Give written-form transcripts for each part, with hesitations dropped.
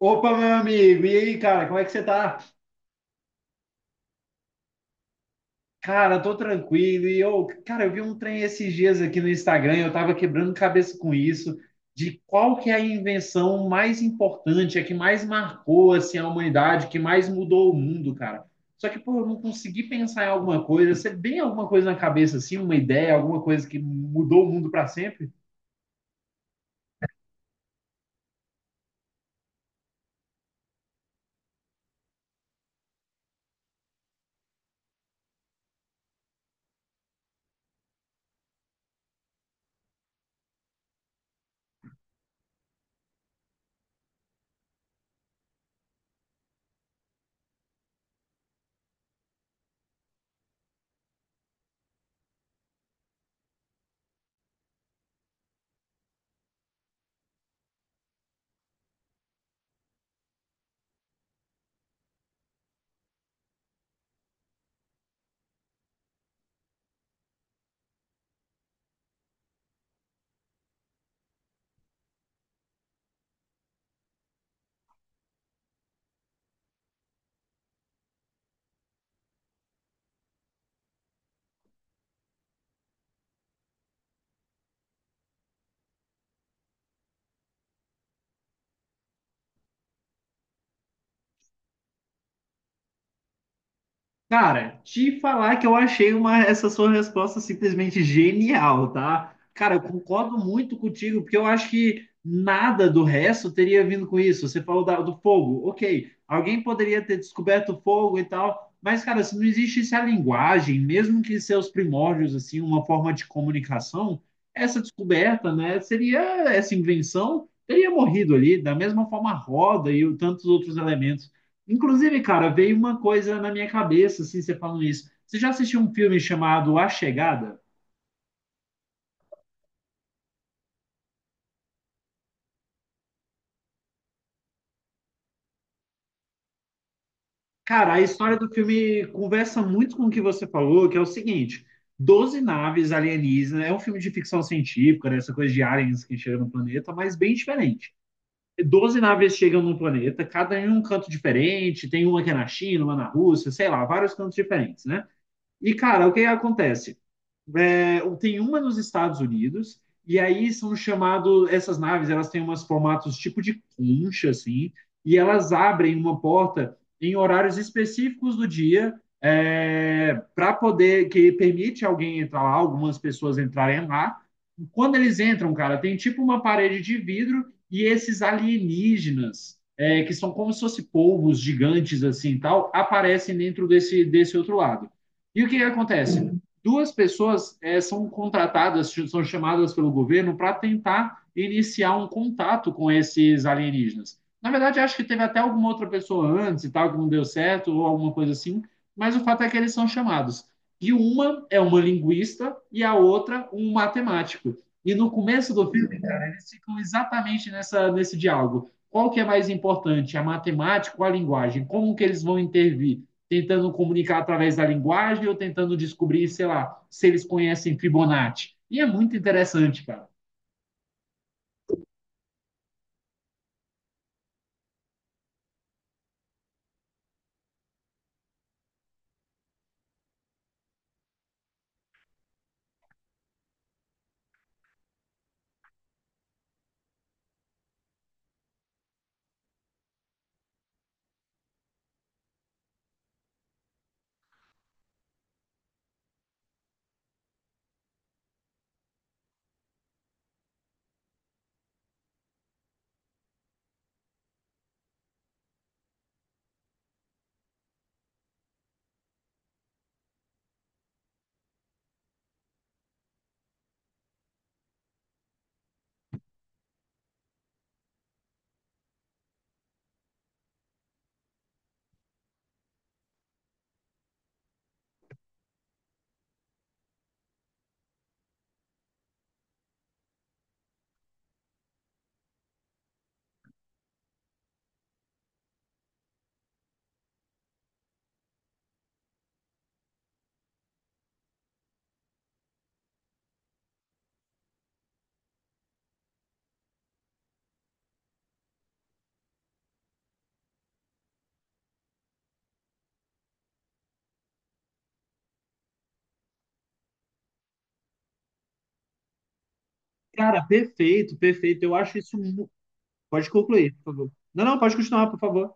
Opa, meu amigo, e aí, cara, como é que você tá? Cara, tô tranquilo. E eu, cara, eu vi um trem esses dias aqui no Instagram, eu tava quebrando cabeça com isso, de qual que é a invenção mais importante, a que mais marcou assim a humanidade, que mais mudou o mundo, cara. Só que, pô, eu não consegui pensar em alguma coisa. Você tem alguma coisa na cabeça assim, uma ideia, alguma coisa que mudou o mundo pra sempre? Cara, te falar que eu achei uma, essa sua resposta simplesmente genial, tá? Cara, eu concordo muito contigo, porque eu acho que nada do resto teria vindo com isso. Você falou do fogo, ok. Alguém poderia ter descoberto o fogo e tal, mas, cara, se não existisse a linguagem, mesmo que seus primórdios, assim, uma forma de comunicação, essa descoberta, né, seria essa invenção, teria morrido ali, da mesma forma a roda e tantos outros elementos. Inclusive, cara, veio uma coisa na minha cabeça, assim, você falando isso. Você já assistiu um filme chamado A Chegada? Cara, a história do filme conversa muito com o que você falou, que é o seguinte: 12 naves alienígenas, é um filme de ficção científica, né, essa coisa de aliens que chegam no planeta, mas bem diferente. 12 naves chegam no planeta, cada um em um canto diferente, tem uma que é na China, uma na Rússia, sei lá, vários cantos diferentes, né? E, cara, o que acontece? É, tem uma nos Estados Unidos, e aí são chamados, essas naves, elas têm umas formatos tipo de concha, assim, e elas abrem uma porta em horários específicos do dia, é, para poder, que permite alguém entrar lá, algumas pessoas entrarem lá. Quando eles entram, cara, tem tipo uma parede de vidro e esses alienígenas, é, que são como se fossem polvos gigantes, assim, tal, aparecem dentro desse, desse outro lado. E o que que acontece? Duas pessoas é, são contratadas, são chamadas pelo governo para tentar iniciar um contato com esses alienígenas. Na verdade, acho que teve até alguma outra pessoa antes e tal, que não deu certo, ou alguma coisa assim, mas o fato é que eles são chamados. E uma é uma linguista e a outra um matemático. E no começo do filme, cara, eles ficam exatamente nesse diálogo. Qual que é mais importante, a matemática ou a linguagem? Como que eles vão intervir? Tentando comunicar através da linguagem ou tentando descobrir, sei lá, se eles conhecem Fibonacci. E é muito interessante, cara. Cara, perfeito, perfeito. Eu acho isso. Pode concluir, por favor. Não, não, pode continuar, por favor.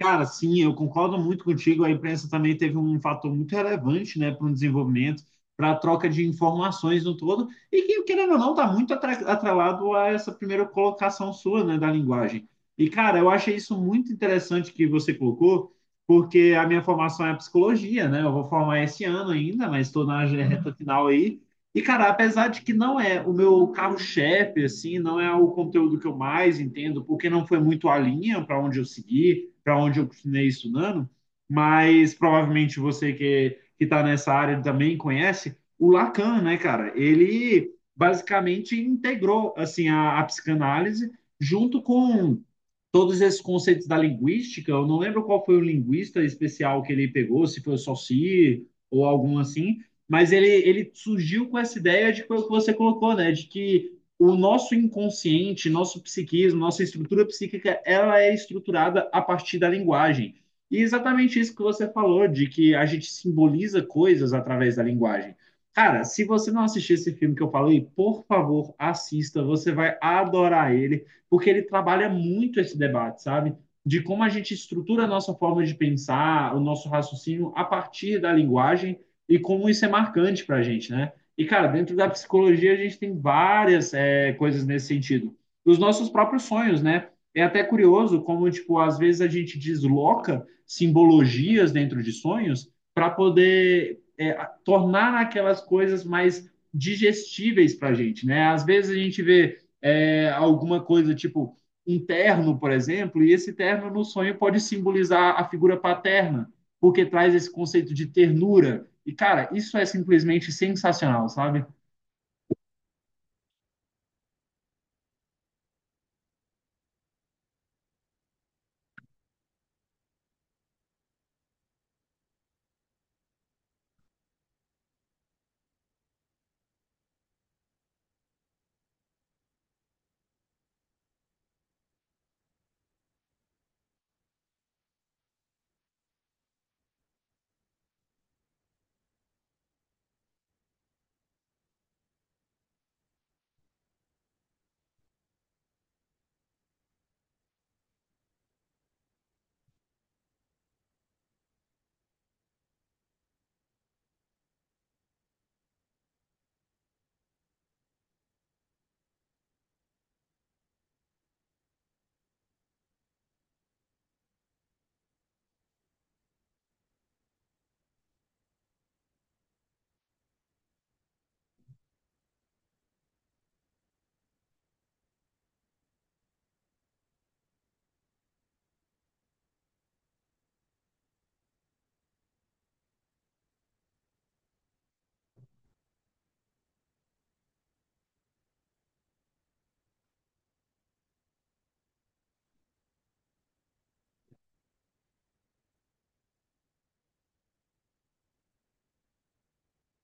Cara, sim, eu concordo muito contigo. A imprensa também teve um fator muito relevante, né, para o desenvolvimento, para a troca de informações no todo, e que, querendo ou não, está muito atrelado a essa primeira colocação sua, né, da linguagem. E, cara, eu achei isso muito interessante que você colocou, porque a minha formação é psicologia, né? Eu vou formar esse ano ainda, mas estou na reta final aí. E, cara, apesar de que não é o meu carro-chefe, assim, não é o conteúdo que eu mais entendo, porque não foi muito a linha para onde eu segui para onde eu continuei estudando, mas provavelmente você que está nessa área também conhece o Lacan, né, cara? Ele basicamente integrou assim a psicanálise junto com todos esses conceitos da linguística. Eu não lembro qual foi o linguista especial que ele pegou, se foi o Saussure ou algum assim, mas ele surgiu com essa ideia de que você colocou, né? De que o nosso inconsciente, nosso psiquismo, nossa estrutura psíquica, ela é estruturada a partir da linguagem. E exatamente isso que você falou, de que a gente simboliza coisas através da linguagem. Cara, se você não assistir esse filme que eu falei, por favor, assista, você vai adorar ele, porque ele trabalha muito esse debate, sabe? De como a gente estrutura a nossa forma de pensar, o nosso raciocínio a partir da linguagem e como isso é marcante para gente, né? E, cara, dentro da psicologia a gente tem várias coisas nesse sentido. Os nossos próprios sonhos, né? É até curioso como, tipo, às vezes a gente desloca simbologias dentro de sonhos para poder tornar aquelas coisas mais digestíveis para a gente, né? Às vezes a gente vê alguma coisa tipo um terno, por exemplo, e esse terno no sonho pode simbolizar a figura paterna porque traz esse conceito de ternura. E, cara, isso é simplesmente sensacional, sabe?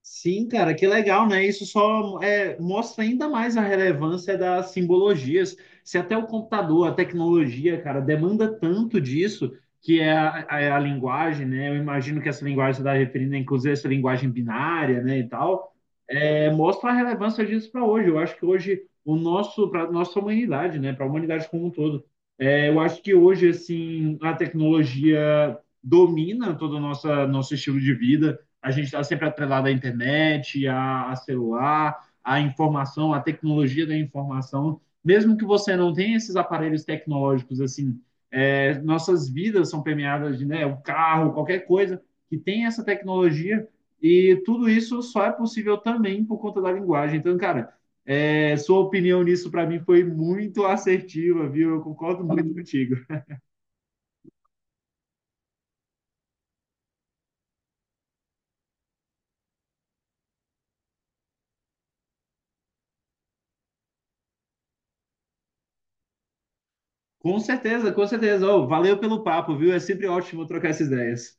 Sim, cara, que legal, né? Isso só mostra ainda mais a relevância das simbologias. Se até o computador, a tecnologia, cara, demanda tanto disso, que é é a linguagem, né? Eu imagino que essa linguagem você está referindo, inclusive, essa linguagem binária, né, e tal, é, mostra a relevância disso para hoje. Eu acho que hoje o nosso, para nossa humanidade, né, para a humanidade como um todo, é, eu acho que hoje, assim, a tecnologia domina todo o nosso estilo de vida, a gente está sempre atrelado à internet, a celular, à informação, à tecnologia da informação. Mesmo que você não tenha esses aparelhos tecnológicos, assim, é, nossas vidas são permeadas de, né, o carro, qualquer coisa que tem essa tecnologia, e tudo isso só é possível também por conta da linguagem. Então, cara, é, sua opinião nisso para mim foi muito assertiva, viu? Eu concordo muito contigo. Com certeza, com certeza. Oh, valeu pelo papo, viu? É sempre ótimo trocar essas ideias.